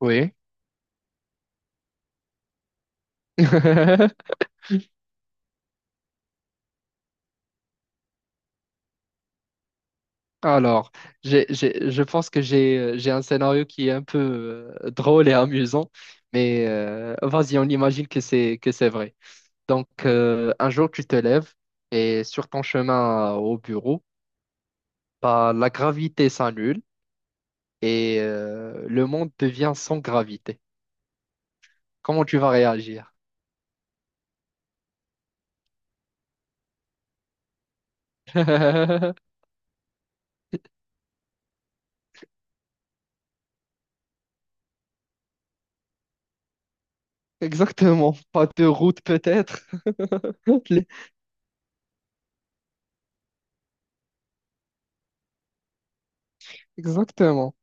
Oui. Alors, je pense que j'ai un scénario qui est un peu drôle et amusant, mais vas-y, on imagine que c'est vrai. Donc, un jour, tu te lèves et sur ton chemin au bureau, bah, la gravité s'annule et le monde devient sans gravité. Comment tu vas réagir? Exactement. Pas de route peut-être. Les- Exactement.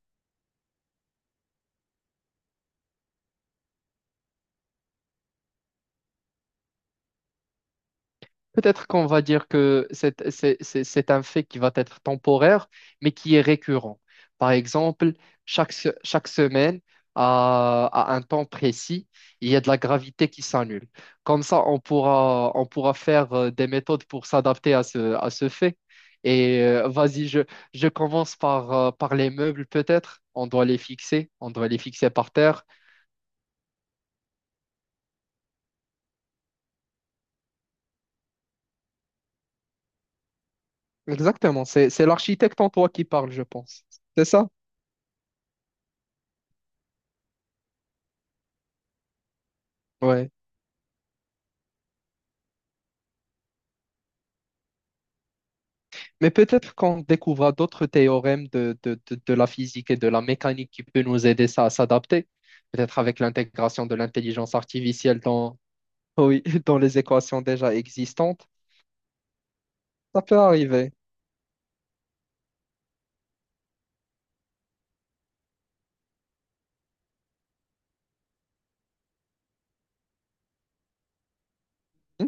Peut-être qu'on va dire que c'est un fait qui va être temporaire, mais qui est récurrent. Par exemple, chaque semaine, à un temps précis, il y a de la gravité qui s'annule. Comme ça, on pourra faire des méthodes pour s'adapter à ce fait. Et vas-y, je commence par les meubles, peut-être. On doit les fixer, on doit les fixer par terre. Exactement, c'est l'architecte en toi qui parle, je pense. C'est ça? Ouais. Mais peut-être qu'on découvrira d'autres théorèmes de la physique et de la mécanique qui peut nous aider ça à s'adapter, peut-être avec l'intégration de l'intelligence artificielle dans, oui, dans les équations déjà existantes. Ça peut arriver. Hmm.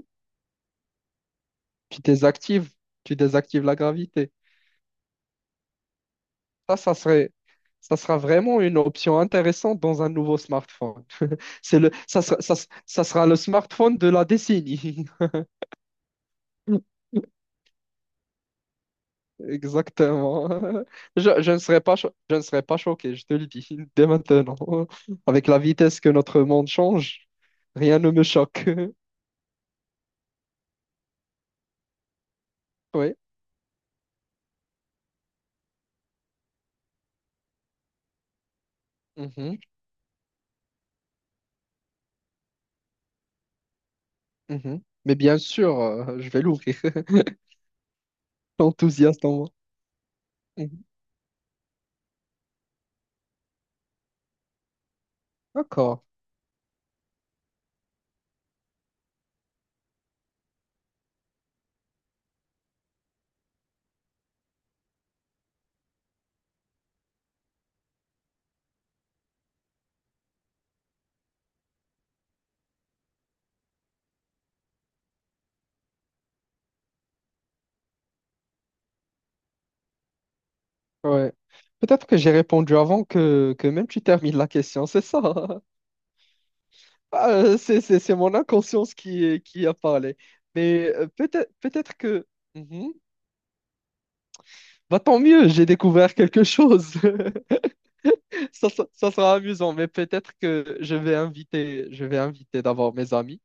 Tu désactives, tu désactives la gravité. Ça, ça serait, ça sera vraiment une option intéressante dans un nouveau smartphone. C'est le, ça sera, ça sera le smartphone de la décennie. Exactement. Je ne serais pas choqué, je te le dis, dès maintenant. Avec la vitesse que notre monde change, rien ne me choque. Oui. Mhm, mhm. Mais bien sûr, je vais l'ouvrir. L'enthousiaste en moi. Mhm. D'accord. Ouais. Peut-être que j'ai répondu avant que même tu termines la question, c'est ça. Ah, c'est mon inconscience qui a parlé. Mais peut-être, peut-être que... Mhm. Bah, tant mieux, j'ai découvert quelque chose. Ça sera amusant, mais peut-être que je vais inviter d'abord mes amis,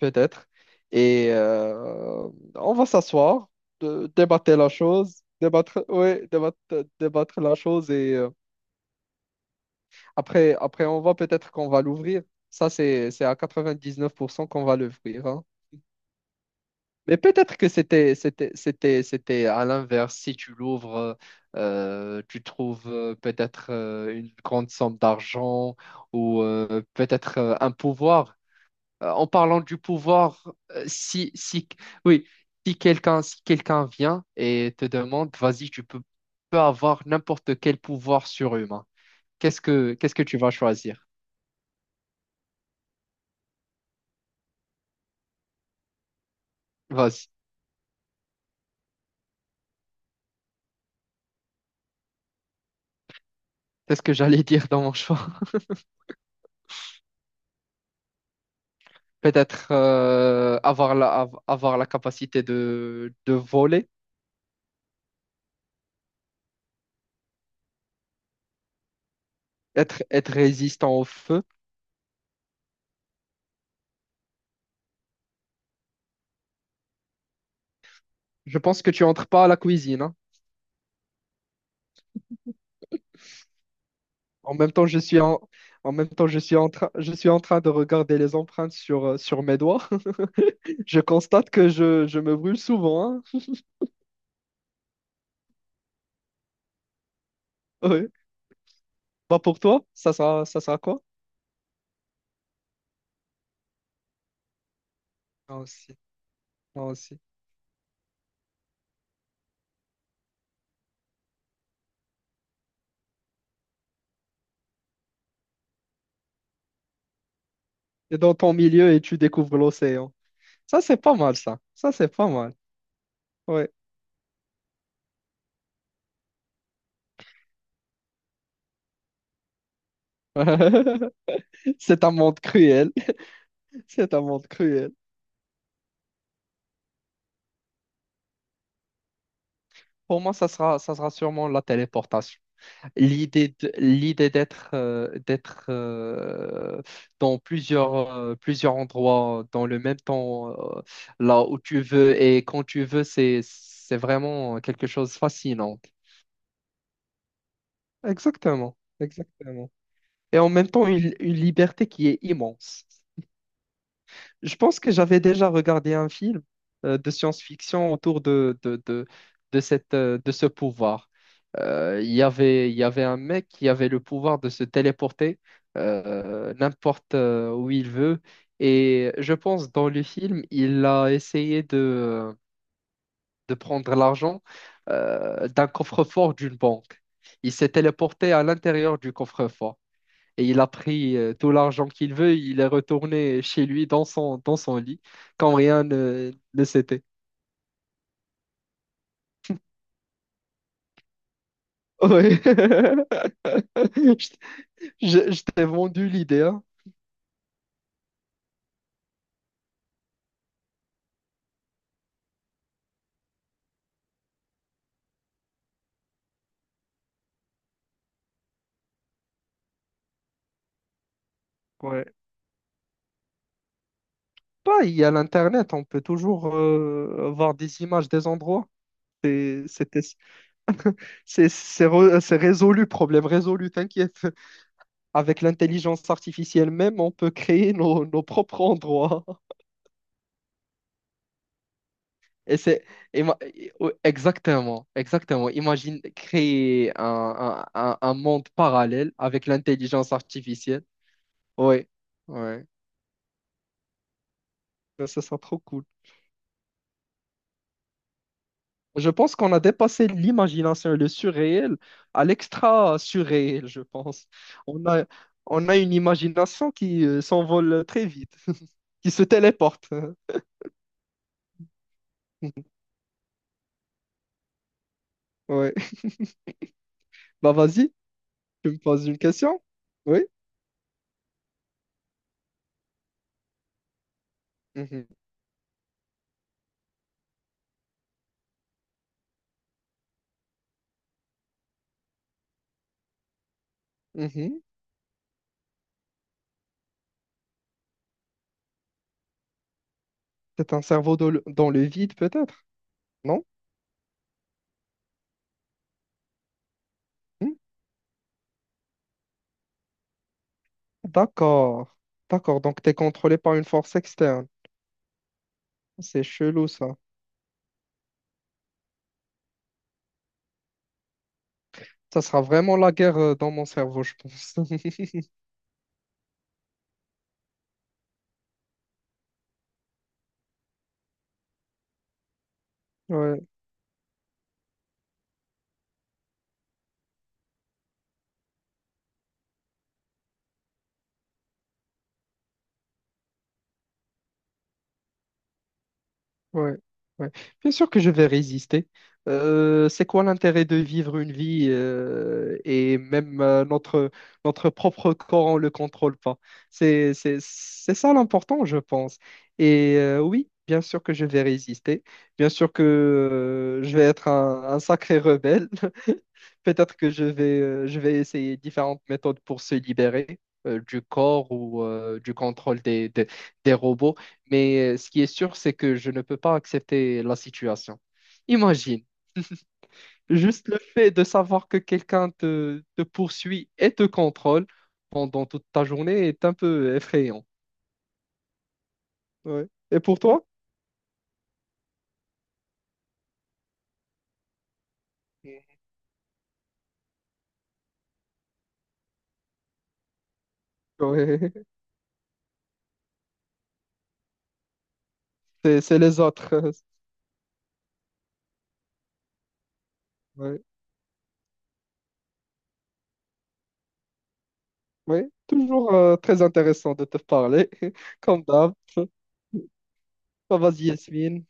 peut-être. Et on va s'asseoir, débattre la chose, débattre, ouais, débattre la chose. Et après, on va peut-être qu'on va l'ouvrir. Ça, c'est à 99% qu'on va l'ouvrir, hein. Mais peut-être que c'était à l'inverse. Si tu l'ouvres, tu trouves peut-être une grande somme d'argent ou peut-être un pouvoir. En parlant du pouvoir, si oui, si quelqu'un vient et te demande, vas-y, tu peux avoir n'importe quel pouvoir surhumain. Qu'est-ce que tu vas choisir? Vas-y. C'est ce que j'allais dire dans mon choix. Peut-être avoir la capacité de voler, être résistant au feu. Je pense que tu entres pas à la cuisine, hein. En même temps, je suis en, en même temps, je suis en train de regarder les empreintes sur, sur mes doigts. Je constate que je me brûle souvent, hein. Ouais. Bah pour toi, ça sera quoi? Moi aussi, moi aussi. Et dans ton milieu et tu découvres l'océan. Ça, c'est pas mal, ça. Ça, c'est pas mal. Ouais. C'est un monde cruel. C'est un monde cruel. Pour moi, ça sera sûrement la téléportation. L'idée d'être dans plusieurs endroits dans le même temps, euh, là où tu veux et quand tu veux, c'est vraiment quelque chose de fascinant. Exactement, exactement. Et en même temps, une liberté qui est immense. Je pense que j'avais déjà regardé un film de science-fiction autour de ce pouvoir. Il y avait, un mec qui avait le pouvoir de se téléporter n'importe où il veut. Et je pense dans le film, il a essayé de prendre l'argent d'un coffre-fort d'une banque. Il s'est téléporté à l'intérieur du coffre-fort. Et il a pris tout l'argent qu'il veut, il est retourné chez lui dans son lit, quand rien ne s'était. Ouais. Je, je t'ai vendu l'idée, hein. Ouais. Bah, il y a l'internet, on peut toujours voir des images des endroits. C'est c'était- c'est résolu, problème résolu, t'inquiète. Avec l'intelligence artificielle même, on peut créer nos propres endroits. Et ima- exactement, exactement. Imagine créer un monde parallèle avec l'intelligence artificielle. Oui, ouais. Ça sera trop cool. Je pense qu'on a dépassé l'imagination le surréel à l'extra surréel, je pense. On a, on a une imagination qui s'envole très vite, qui se téléporte. Ouais. Bah vas-y, tu me poses une question? Oui. Mhm, mhm. C'est un cerveau dans le vide, peut-être, non? Hmm? D'accord. D'accord. Donc, t'es contrôlé par une force externe. C'est chelou, ça. Ça sera vraiment la guerre dans mon cerveau, je pense. Ouais. Ouais, ouais. Bien sûr que je vais résister. C'est quoi l'intérêt de vivre une vie et même notre propre corps, on ne le contrôle pas. C'est ça l'important, je pense. Et oui, bien sûr que je vais résister. Bien sûr que je vais être un sacré rebelle. Peut-être que je vais essayer différentes méthodes pour se libérer du corps ou du contrôle des robots. Mais ce qui est sûr, c'est que je ne peux pas accepter la situation. Imagine, juste le fait de savoir que quelqu'un te poursuit et te contrôle pendant toute ta journée est un peu effrayant. Ouais. Et pour toi? Ouais. C'est les autres. Ouais. Ouais. Toujours très intéressant de te parler, comme d'hab. Bah, vas-y, Yasmine.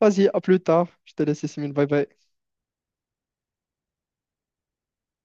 Vas-y, à plus tard. Je te laisse, Yasmine. Bye bye.